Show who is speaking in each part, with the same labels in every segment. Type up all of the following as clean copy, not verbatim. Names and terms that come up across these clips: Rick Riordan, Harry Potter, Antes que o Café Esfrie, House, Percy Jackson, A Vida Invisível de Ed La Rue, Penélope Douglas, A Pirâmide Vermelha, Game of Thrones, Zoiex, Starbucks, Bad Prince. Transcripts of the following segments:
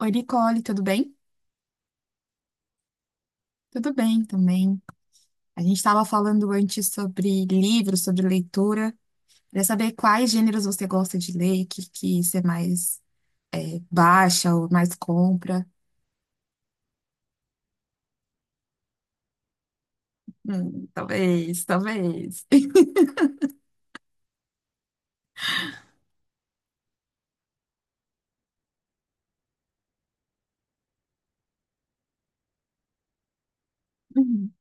Speaker 1: Oi, Nicole, tudo bem? Tudo bem também. A gente estava falando antes sobre livros, sobre leitura. Queria saber quais gêneros você gosta de ler, que você mais baixa ou mais compra. Talvez, talvez. Hum,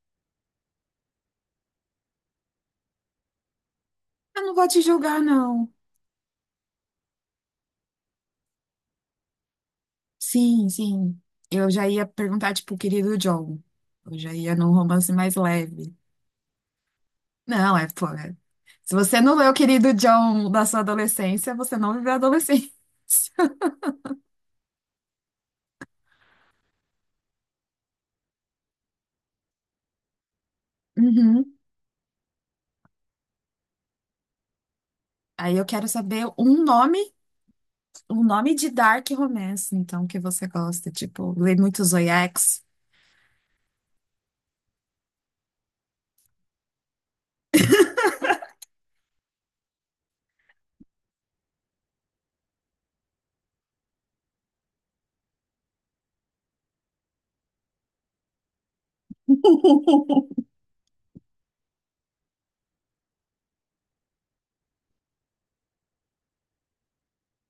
Speaker 1: Eu não vou te julgar, não. Sim, sim. Eu já ia perguntar, tipo, o querido John. Eu já ia num romance mais leve. Não, é, pô. Se você não leu o Querido John da sua adolescência, você não viveu a adolescência. Aí eu quero saber um nome de dark romance, então, que você gosta. Tipo, lê muito Zoiex,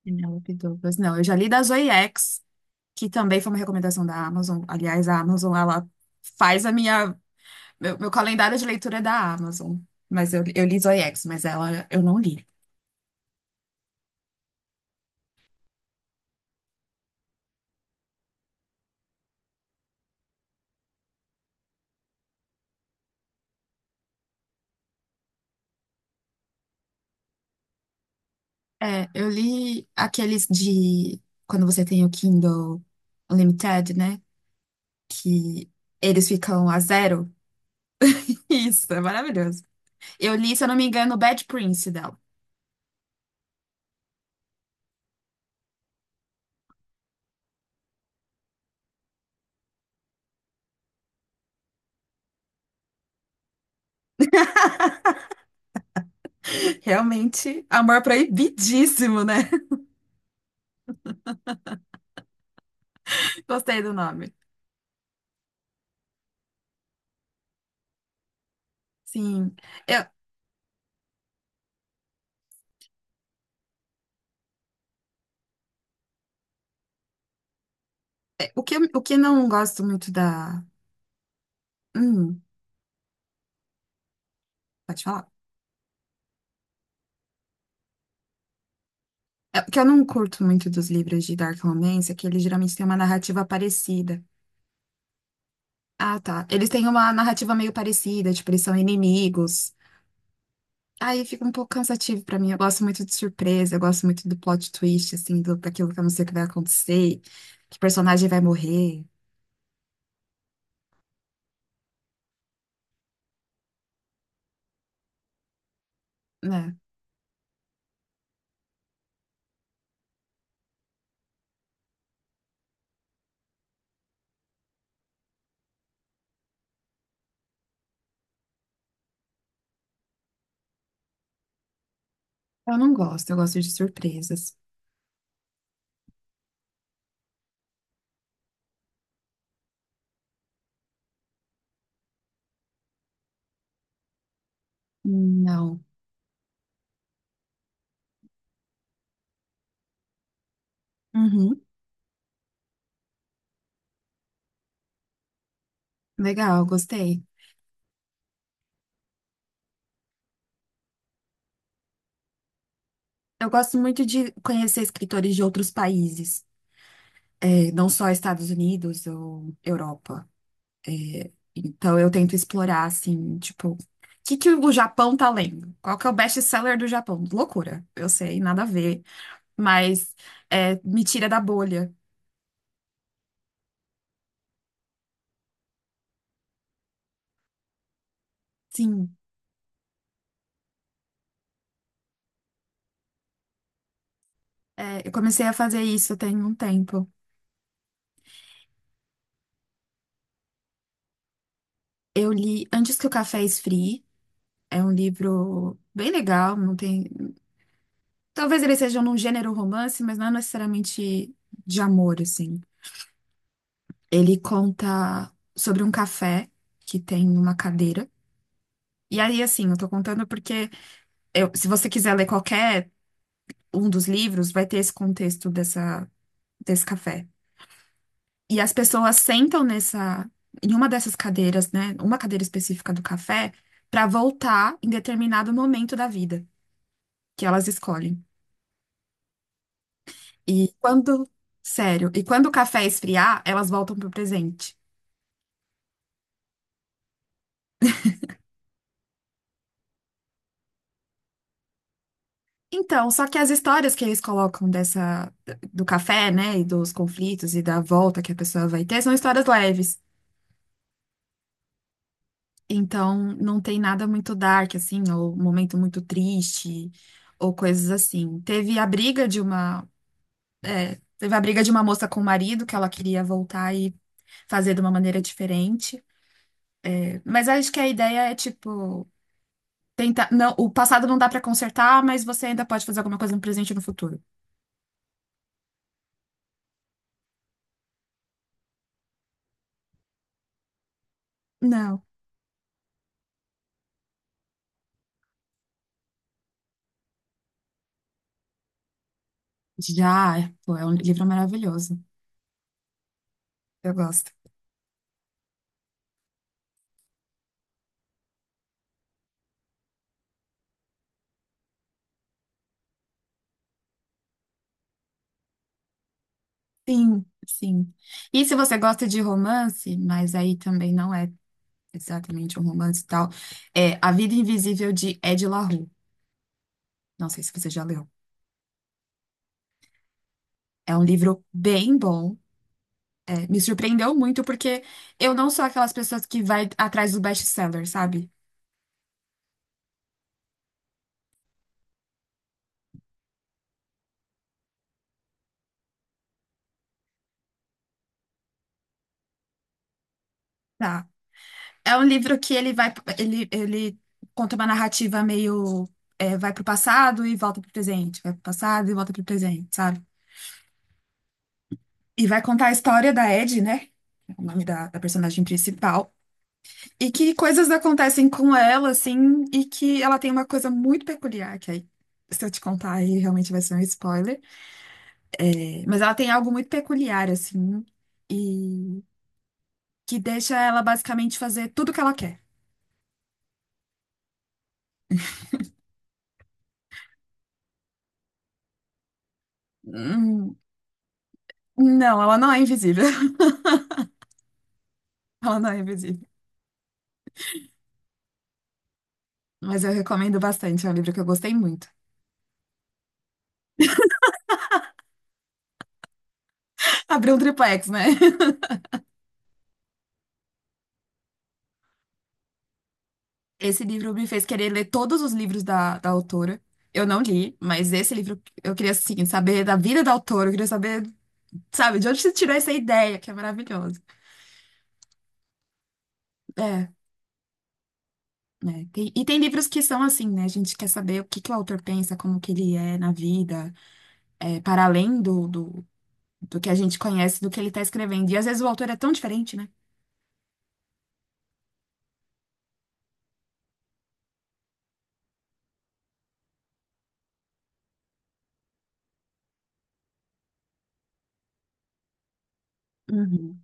Speaker 1: Penélope Douglas. Não, eu já li da Zoiex, que também foi uma recomendação da Amazon. Aliás, a Amazon, ela faz a minha... Meu calendário de leitura é da Amazon. Mas eu, li Zoiex, mas ela eu não li. É, eu li aqueles de... Quando você tem o Kindle Unlimited, né? Que eles ficam a zero. Isso, é maravilhoso. Eu li, se eu não me engano, Bad Prince dela. Realmente, amor proibidíssimo, né? Gostei do nome. Sim. Eu, é, o que, eu- O que eu não gosto muito da. Hum, Pode falar. É, o que eu não curto muito dos livros de Dark Romance é que eles geralmente têm uma narrativa parecida. Ah, tá. Eles têm uma narrativa meio parecida, tipo, eles são inimigos. Aí fica um pouco cansativo pra mim. Eu gosto muito de surpresa, eu gosto muito do plot twist, assim, daquilo que eu não sei o que vai acontecer, que personagem vai morrer, né? Eu não gosto, eu gosto de surpresas. Não. Uhum. Legal, gostei. Eu gosto muito de conhecer escritores de outros países, não só Estados Unidos ou Europa. Então eu tento explorar, assim, tipo, o que que o Japão tá lendo? Qual que é o best-seller do Japão? Loucura, eu sei, nada a ver, mas me tira da bolha. Sim, eu comecei a fazer isso tem um tempo. Eu li Antes que o Café Esfrie, é um livro bem legal, não tem, talvez ele seja num gênero romance, mas não é necessariamente de amor, assim. Ele conta sobre um café que tem uma cadeira. E aí, assim, eu tô contando porque se você quiser ler qualquer um dos livros, vai ter esse contexto desse café. E as pessoas sentam em uma dessas cadeiras, né? Uma cadeira específica do café, pra voltar em determinado momento da vida que elas escolhem. E quando, sério, e quando o café esfriar, elas voltam pro presente. Então, só que as histórias que eles colocam dessa do café, né, e dos conflitos e da volta que a pessoa vai ter, são histórias leves. Então, não tem nada muito dark assim, ou momento muito triste, ou coisas assim. Teve a briga de uma moça com o marido que ela queria voltar e fazer de uma maneira diferente. Mas acho que a ideia é tipo tentar, não, o passado não dá pra consertar, mas você ainda pode fazer alguma coisa no presente e no futuro. Não. Já, pô, é um livro maravilhoso. Eu gosto. Sim, sim. E se você gosta de romance, mas aí também não é exatamente um romance e tal, é A Vida Invisível de Ed La Rue. Não sei se você já leu. É um livro bem bom. É, me surpreendeu muito porque eu não sou aquelas pessoas que vai atrás do best-seller, sabe? Tá. É um livro que ele vai, ele conta uma narrativa meio, vai pro passado e volta pro presente, vai pro passado e volta pro presente, sabe? E vai contar a história da Ed, né? É o nome da personagem principal. E que coisas acontecem com ela, assim, e que ela tem uma coisa muito peculiar, que aí, se eu te contar, aí realmente vai ser um spoiler. É, mas ela tem algo muito peculiar, assim, e que deixa ela basicamente fazer tudo o que ela quer. Hum, não, ela não é invisível. Ela não é invisível. Mas eu recomendo bastante, é um livro que eu gostei muito. Abriu um triplex, né? Esse livro me fez querer ler todos os livros da autora. Eu não li, mas esse livro eu queria, assim, saber da vida da autora, eu queria saber. Sabe, de onde você tirou essa ideia, que é maravilhoso. É, né? E tem livros que são assim, né? A gente quer saber o que que o autor pensa, como que ele é na vida, para além do que a gente conhece, do que ele está escrevendo. E às vezes o autor é tão diferente, né? Uhum.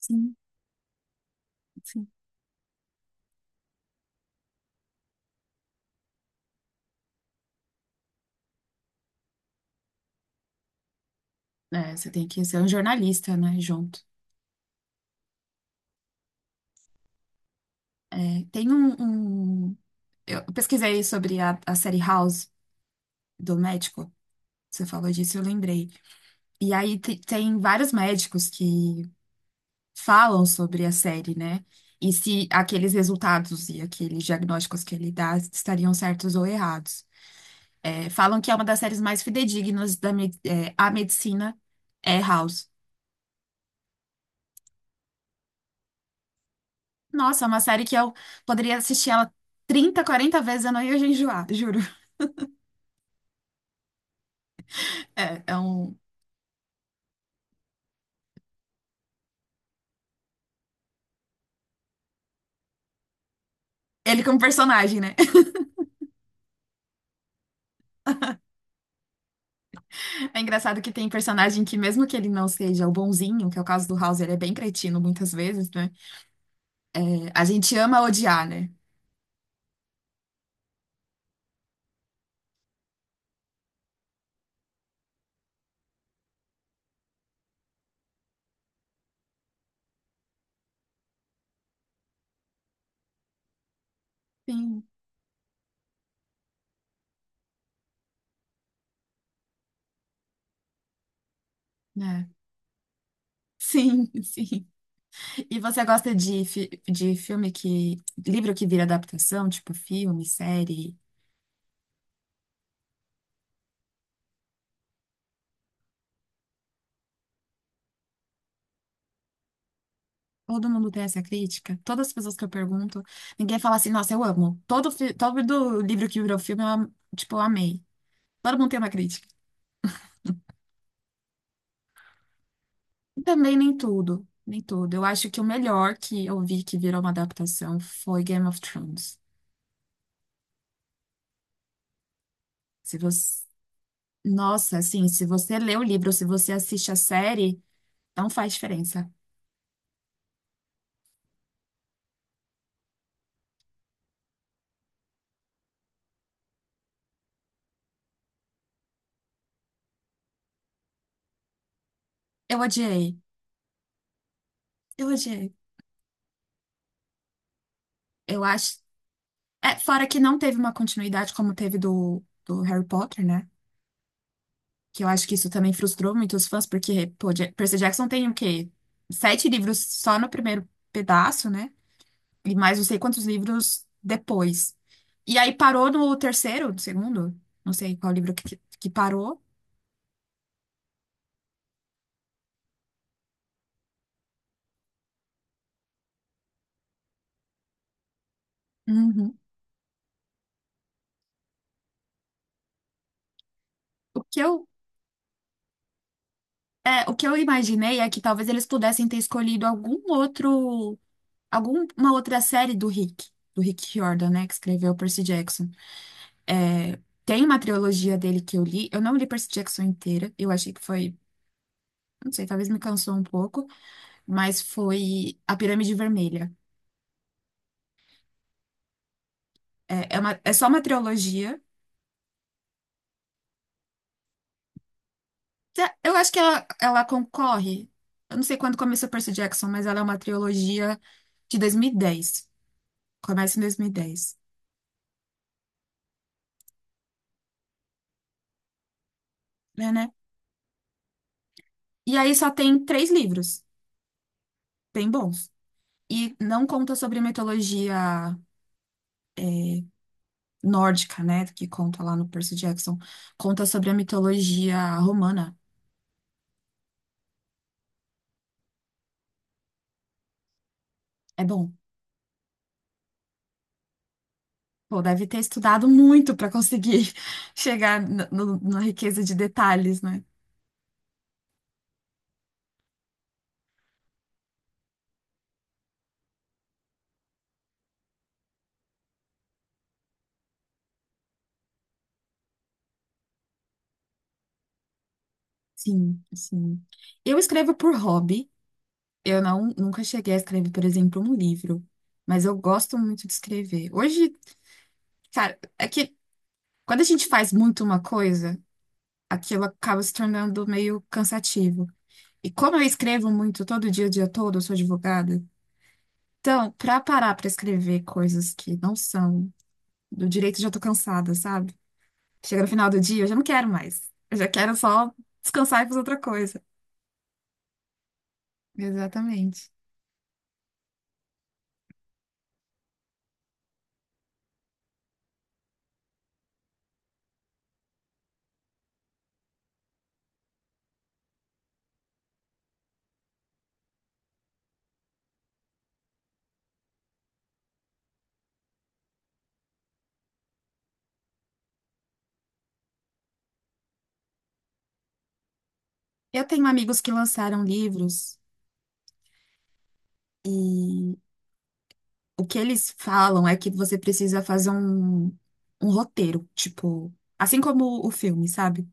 Speaker 1: Sim, sim. É, você tem que ser um jornalista, né, junto. É, um- eu pesquisei sobre a série House do médico. Você falou disso, eu lembrei. E aí tem vários médicos que falam sobre a série, né? E se aqueles resultados e aqueles diagnósticos que ele dá estariam certos ou errados. É, falam que é uma das séries mais fidedignas a medicina é House. Nossa, é uma série que eu poderia assistir ela 30, 40 vezes, eu não ia enjoar, juro. É um... Ele como personagem, né? É engraçado que tem personagem que, mesmo que ele não seja o bonzinho, que é o caso do House, ele é bem cretino muitas vezes, né? É, a gente ama odiar, né? Sim, né? Sim, sim. E você gosta de, de filme que. Livro que vira adaptação, tipo filme, série? Todo mundo tem essa crítica. Todas as pessoas que eu pergunto, ninguém fala assim, nossa, eu amo. Todo livro que virou filme, eu, tipo, eu amei. Todo mundo tem uma crítica. Também nem tudo. Nem tudo. Eu acho que o melhor que eu vi que virou uma adaptação foi Game of Thrones. Se você. Nossa, assim, se você lê o livro, se você assiste a série, não faz diferença. Eu odiei. Eu odiei. Eu acho. É, fora que não teve uma continuidade como teve do Harry Potter, né? Que eu acho que isso também frustrou muito os fãs, porque, pô, Percy Jackson tem o quê? Sete livros só no primeiro pedaço, né? E mais não sei quantos livros depois. E aí parou no terceiro, no segundo, não sei qual livro que parou. Uhum. O que eu, o que eu imaginei é que talvez eles pudessem ter escolhido algum outro, alguma outra série do Rick Riordan, né? Que escreveu Percy Jackson. É, tem uma trilogia dele que eu li. Eu não li Percy Jackson inteira. Eu achei que foi, não sei, talvez me cansou um pouco, mas foi A Pirâmide Vermelha. É só uma trilogia. Tá, eu acho que ela concorre. Eu não sei quando começou Percy Jackson, mas ela é uma trilogia de 2010. Começa em 2010, né? E aí só tem três livros, bem bons. E não conta sobre mitologia nórdica, né, que conta lá no Percy Jackson, conta sobre a mitologia romana. É bom. Pô, deve ter estudado muito para conseguir chegar na riqueza de detalhes, né? Sim, sim. Eu escrevo por hobby. Eu não, nunca cheguei a escrever, por exemplo, um livro, mas eu gosto muito de escrever. Hoje, cara, é que quando a gente faz muito uma coisa, aquilo acaba se tornando meio cansativo. E como eu escrevo muito todo dia, o dia todo, eu sou advogada, então, pra parar pra escrever coisas que não são do direito, eu já tô cansada, sabe? Chega no final do dia, eu já não quero mais. Eu já quero só descansar e fazer outra coisa. Exatamente. Eu tenho amigos que lançaram livros e o que eles falam é que você precisa fazer um roteiro, tipo, assim como o filme, sabe?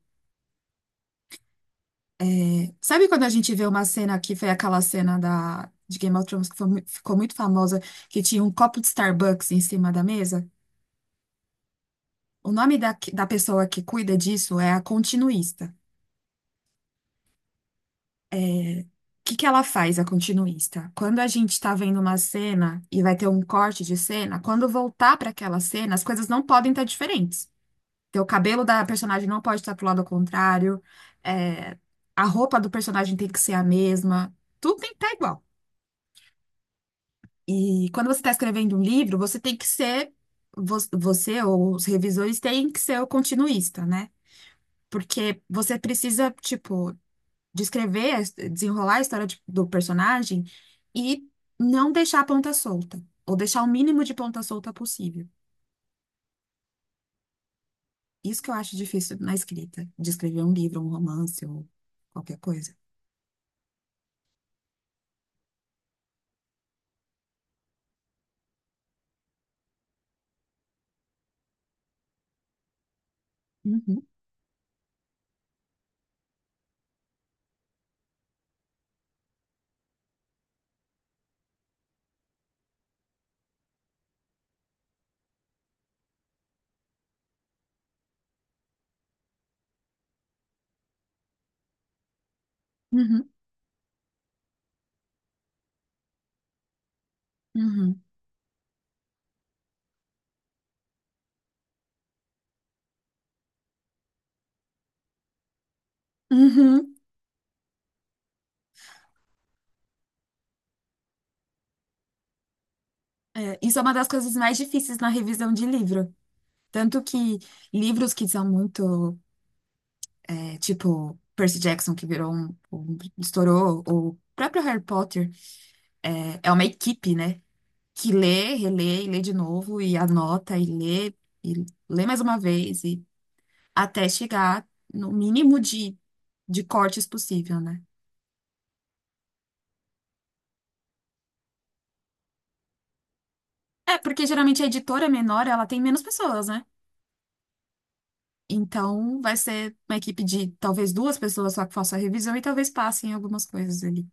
Speaker 1: Sabe quando a gente vê uma cena que foi aquela cena de Game of Thrones que foi ficou muito famosa, que tinha um copo de Starbucks em cima da mesa? O nome da pessoa que cuida disso é a continuista. O que que ela faz, a continuista? Quando a gente está vendo uma cena e vai ter um corte de cena, quando voltar para aquela cena, as coisas não podem estar diferentes. Então, o cabelo da personagem não pode estar pro lado ao contrário, é, a roupa do personagem tem que ser a mesma, tudo tem que estar igual. E quando você está escrevendo um livro, você tem que ser, você ou os revisores têm que ser o continuista, né? Porque você precisa, tipo, descrever, desenrolar a história do personagem e não deixar a ponta solta, ou deixar o mínimo de ponta solta possível. Isso que eu acho difícil na escrita, de escrever um livro, um romance ou qualquer coisa. Uhum, uhum, uhum, uhum. É, isso é uma das coisas mais difíceis na revisão de livro. Tanto que livros que são muito, é, tipo Percy Jackson, que virou estourou, ou o próprio Harry Potter, é, é, uma equipe, né? Que lê, relê, e lê de novo, e anota, e lê mais uma vez, e até chegar no mínimo de cortes possível, né? É, porque geralmente a editora menor, ela tem menos pessoas, né? Então vai ser uma equipe de talvez duas pessoas só que faça a revisão e talvez passem algumas coisas ali.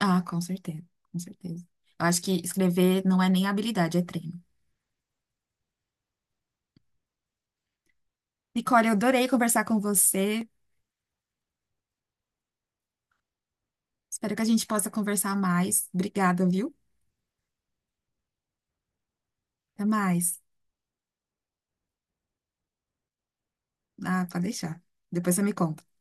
Speaker 1: Ah, com certeza, com certeza. Eu acho que escrever não é nem habilidade, é treino. Nicole, eu adorei conversar com você. Espero que a gente possa conversar mais. Obrigada, viu? Até mais. Ah, pode deixar. Depois você me conta.